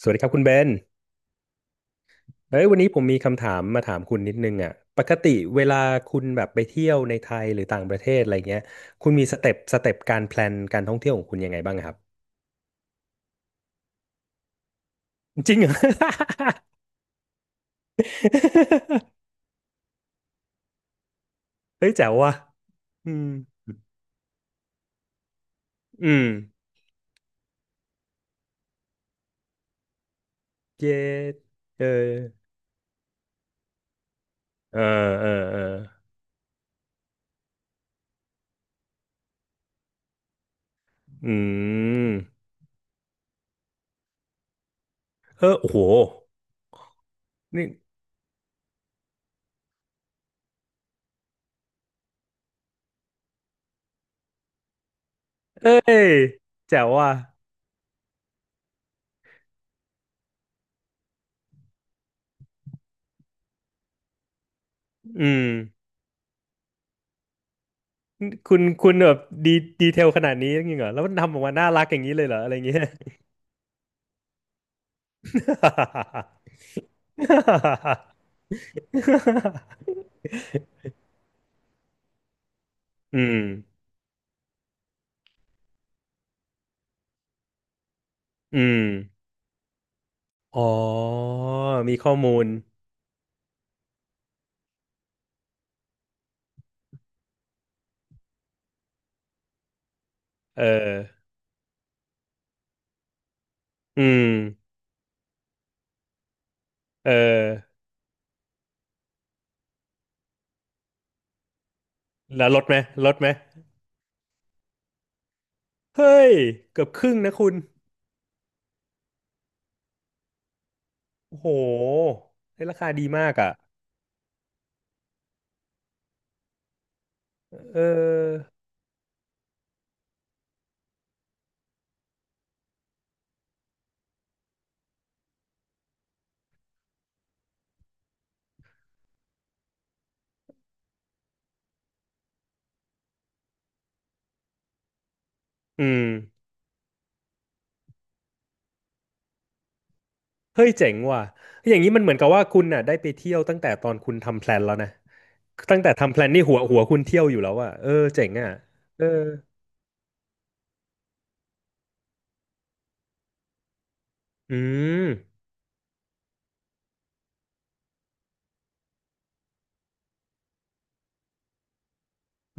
สวัสดีครับคุณเบนเอ้ยวันนี้ผมมีคำถามมาถามคุณนิดนึงอ่ะปกติเวลาคุณแบบไปเที่ยวในไทยหรือต่างประเทศอะไรเงี้ยคุณมีสเต็ปการแพลนการท่องเที่ยวของคุณยังไงบ้างครับ จริงเหรอ เฮ้ยแจ๋วว่ะอืม อืมเย้เออเออ เออ เออ อืมเออโอ้โหนี่เอ้ยแจ๋วว่ะอืม คุณแบบดีดีเทลขนาดนี้จริงเหรอแล้วมันทำออกมาน่ารักอย่างนี้เลยเหรออะไรเงี้ย อืมอืมอ๋อมีข้อมูลเอออืมเออแล้วลดไหมลดไหมเฮ้ยเกือบครึ่งนะคุณโอ้โหได้ราคาดีมากอ่ะเอออืมเฮ้ยเจ๋งว่ะอย่างนี้มันเหมือนกับว่าคุณน่ะได้ไปเที่ยวตั้งแต่ตอนคุณทำแพลนแล้วนะ ตั้งแต่ทำแพลนนี่หัวคุณเที่ยวอยู่แล้วอ่ะเออเจ๋งอ่ะเอออืม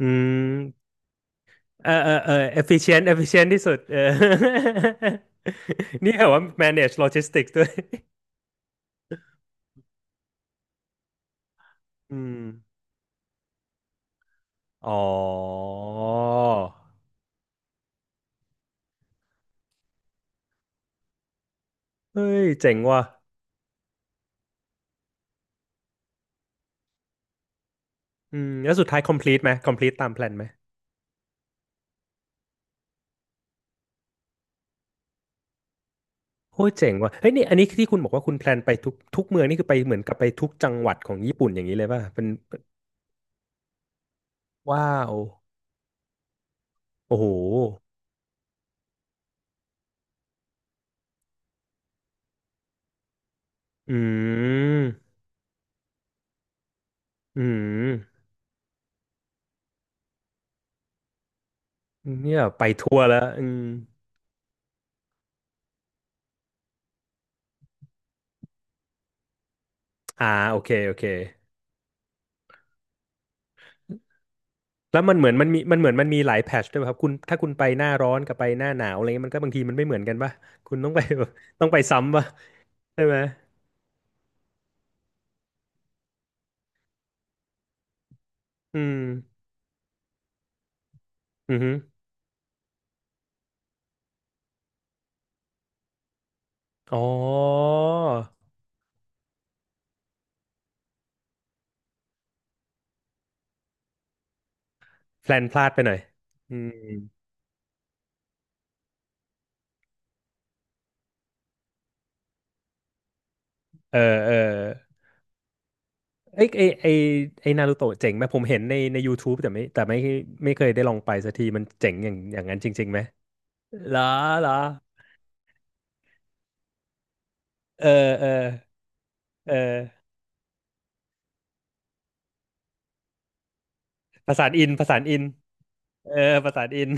อืม เออเออเออ efficient ที่สุดเออ นี่แหรอว่า manage logistics ด้วยอืมอ๋อเฮ้ยเจ๋งว่ะอืมแล้วสุดท้าย complete ไหม complete ตามแพลนไหมโอ้ยเจ๋งว่ะเฮ้ยนี่อันนี้ที่คุณบอกว่าคุณแพลนไปทุกเมืองนี่คือไปเหมือนกับไปทุกจังหวัดของญี่ปุ่นอย่างนี้เลยป่ะเป็นว้าวโอ้โหอืมอืมเนี่ยไปทัวร์แล้วอืมอ่าโอเคโอเค แล้วมันเหมือนมันมีมันเหมือนมันมีหลายแพทชด้วยป่ะครับคุณถ้าคุณไปหน้าร้อนกับไปหน้าหนาวอะไรเงี้ยมันก็บางทีมันไม่เหมือนกันป่ะคุณต้องไป แบบต้องไปซ้ำป่ะใช่ไหมอืมอือฮึอ๋อแพลนพลาดไปหน่อยอืมเออเออไอยไอไอไอนารูโตะเจ๋งไหมผมเห็นใน YouTube แต่ไม่แต่ไม่ไม่เคยได้ลองไปสักทีมันเจ๋งอย่างนั้นจริงๆไหมเหรอเหรอเออเออเออประสานอินประสานอินเออประสานอิน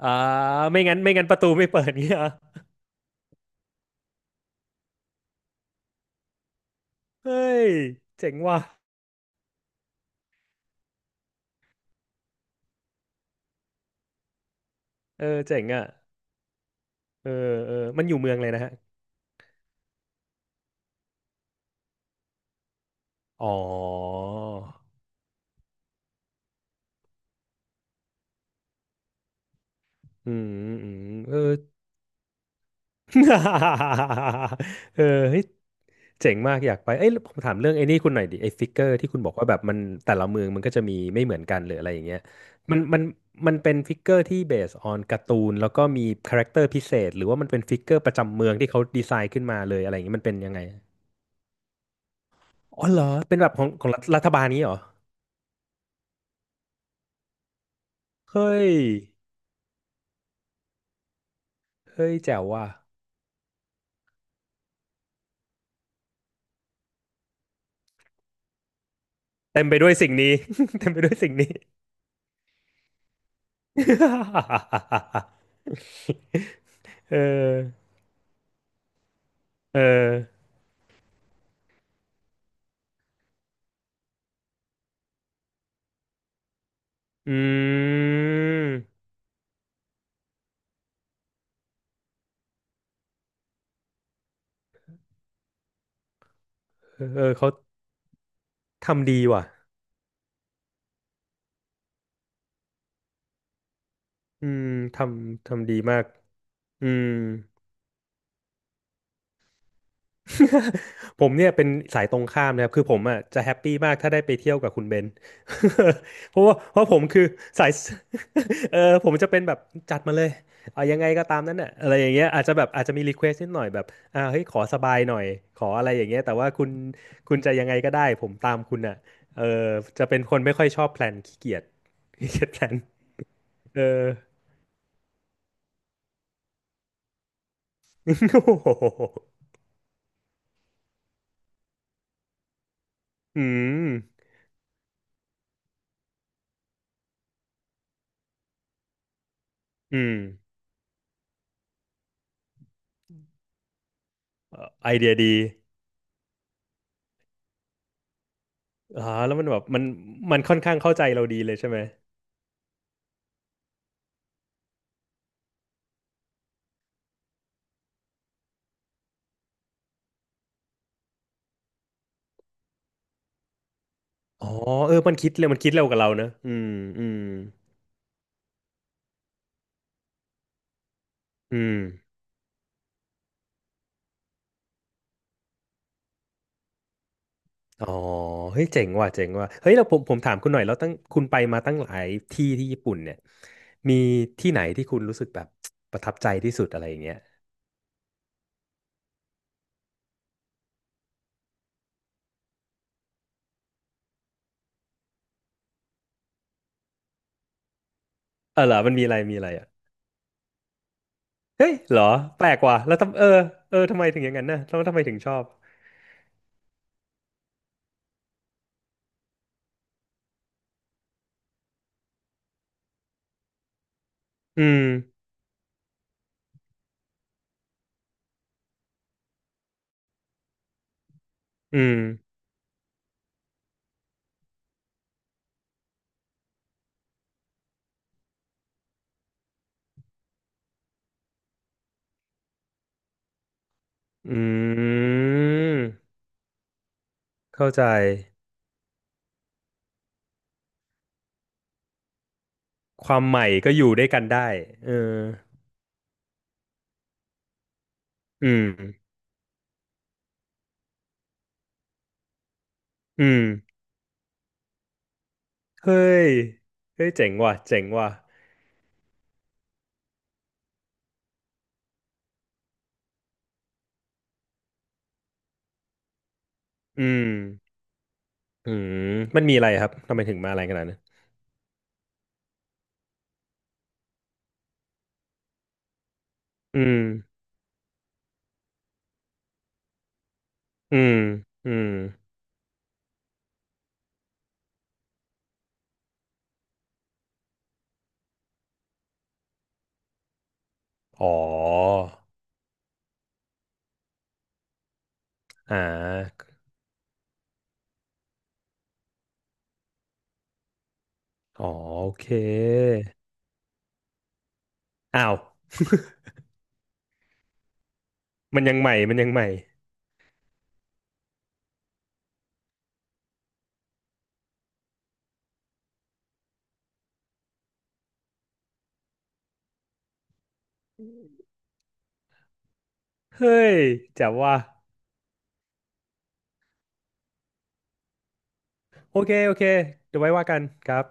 อ่าไม่งั้นไม่งั้นประตูไม่เปิดเงี้ยเหรอเฮ้ยเจ๋งว่ะเออเจ๋งอ่ะเออเออมันอยู่เมืองเลยนะฮะอ๋ออืมอืมเออ เออเฮ้ยเจ๋งมากอยากไปเอ้ยผมถามเรื่องไอ้นี่คุณหน่อยดิไอ้ฟิกเกอร์ที่คุณบอกว่าแบบมันแต่ละเมืองมันก็จะมีไม่เหมือนกันหรืออะไรอย่างเงี้ยมันมันมันเป็นฟิกเกอร์ที่เบสออนการ์ตูนแล้วก็มีคาแรคเตอร์พิเศษหรือว่ามันเป็นฟิกเกอร์ประจำเมืองที่เขาดีไซน์ขึ้นมาเลยอะไรอย่างเงี้ยมันเป็นยังไง อ๋อเหรอเป็นแบบของรัฐบาลนี้เหรอเฮ้ยเฮ้ยแจ๋วว่ะเต็มไปด้วยสิ่งนี้ เต็มไปด้วยสิ่งนี้ เออเอออืมเออเขาทำดีว่ะอืมทำทำดีมากอืม ผมเนี่ยเป็นสายตรงข้ามนะครับคือผมอ่ะจะแฮปปี้มากถ้าได้ไปเที่ยวกับคุณเบน เพราะผมคือสาย เออผมจะเป็นแบบจัดมาเลยเอายังไงก็ตามนั้นน่ะอะไรอย่างเงี้ยอาจจะแบบอาจจะมีรีเควสนิดหน่อยแบบอ่าเฮ้ยขอสบายหน่อยขออะไรอย่างเงี้ยแต่ว่าคุณจะยังไงก็ได้ผมตามคุณอ่ะเออจะเป็นคนไม่ค่อยชอบแพลนขี้เกียจ ขี้เกียจแพลนเออ โอ้โหอืมอืมเอ่อไอเดียดี อ๋อแล้วมันแบบมันมันค่อนข้างเข้าใจเราดีเลยใช่ไหมอ๋อเออมันคิดเร็วกว่าเราเนอะอืมอืมอืมอ๋อเฮ้ยเจ๋งว่ะเจ๋งว่ะเฮ้ยเราผมถามคุณหน่อยแล้วตั้งคุณไปมาตั้งหลายที่ญี่ปุ่นเนี่ยมีที่ไหนที่คุณรู้สึกแบบประทับใจที่สุดอะไรอย่างเงี้ยเออเหรอมันมีอะไรอ่ะเฮ้ยเหรอแปลกว่ะแล้วทำเออเออทำไมถึงอย่างนั้นนะแล้วทำไมถึงชอบอืมอืมอืมเข้าใจความใหม่ก็อยู่ด้วยกันได้เออ อืมอืมเฮ้ยเฮ้ยเจ๋งว่ะเจ๋งว่ะอืมอืมมันมีอะไรครับทำไมถึงมาอะไรขนาดนั้นอืมอืมอืมอ๋ออ่าอ๋อโอเคอ้าวมันยังใหม่เฮ้ยแจ๋วว่ะโอเคโอเคเดี๋ยวไว้ว่ากันครับ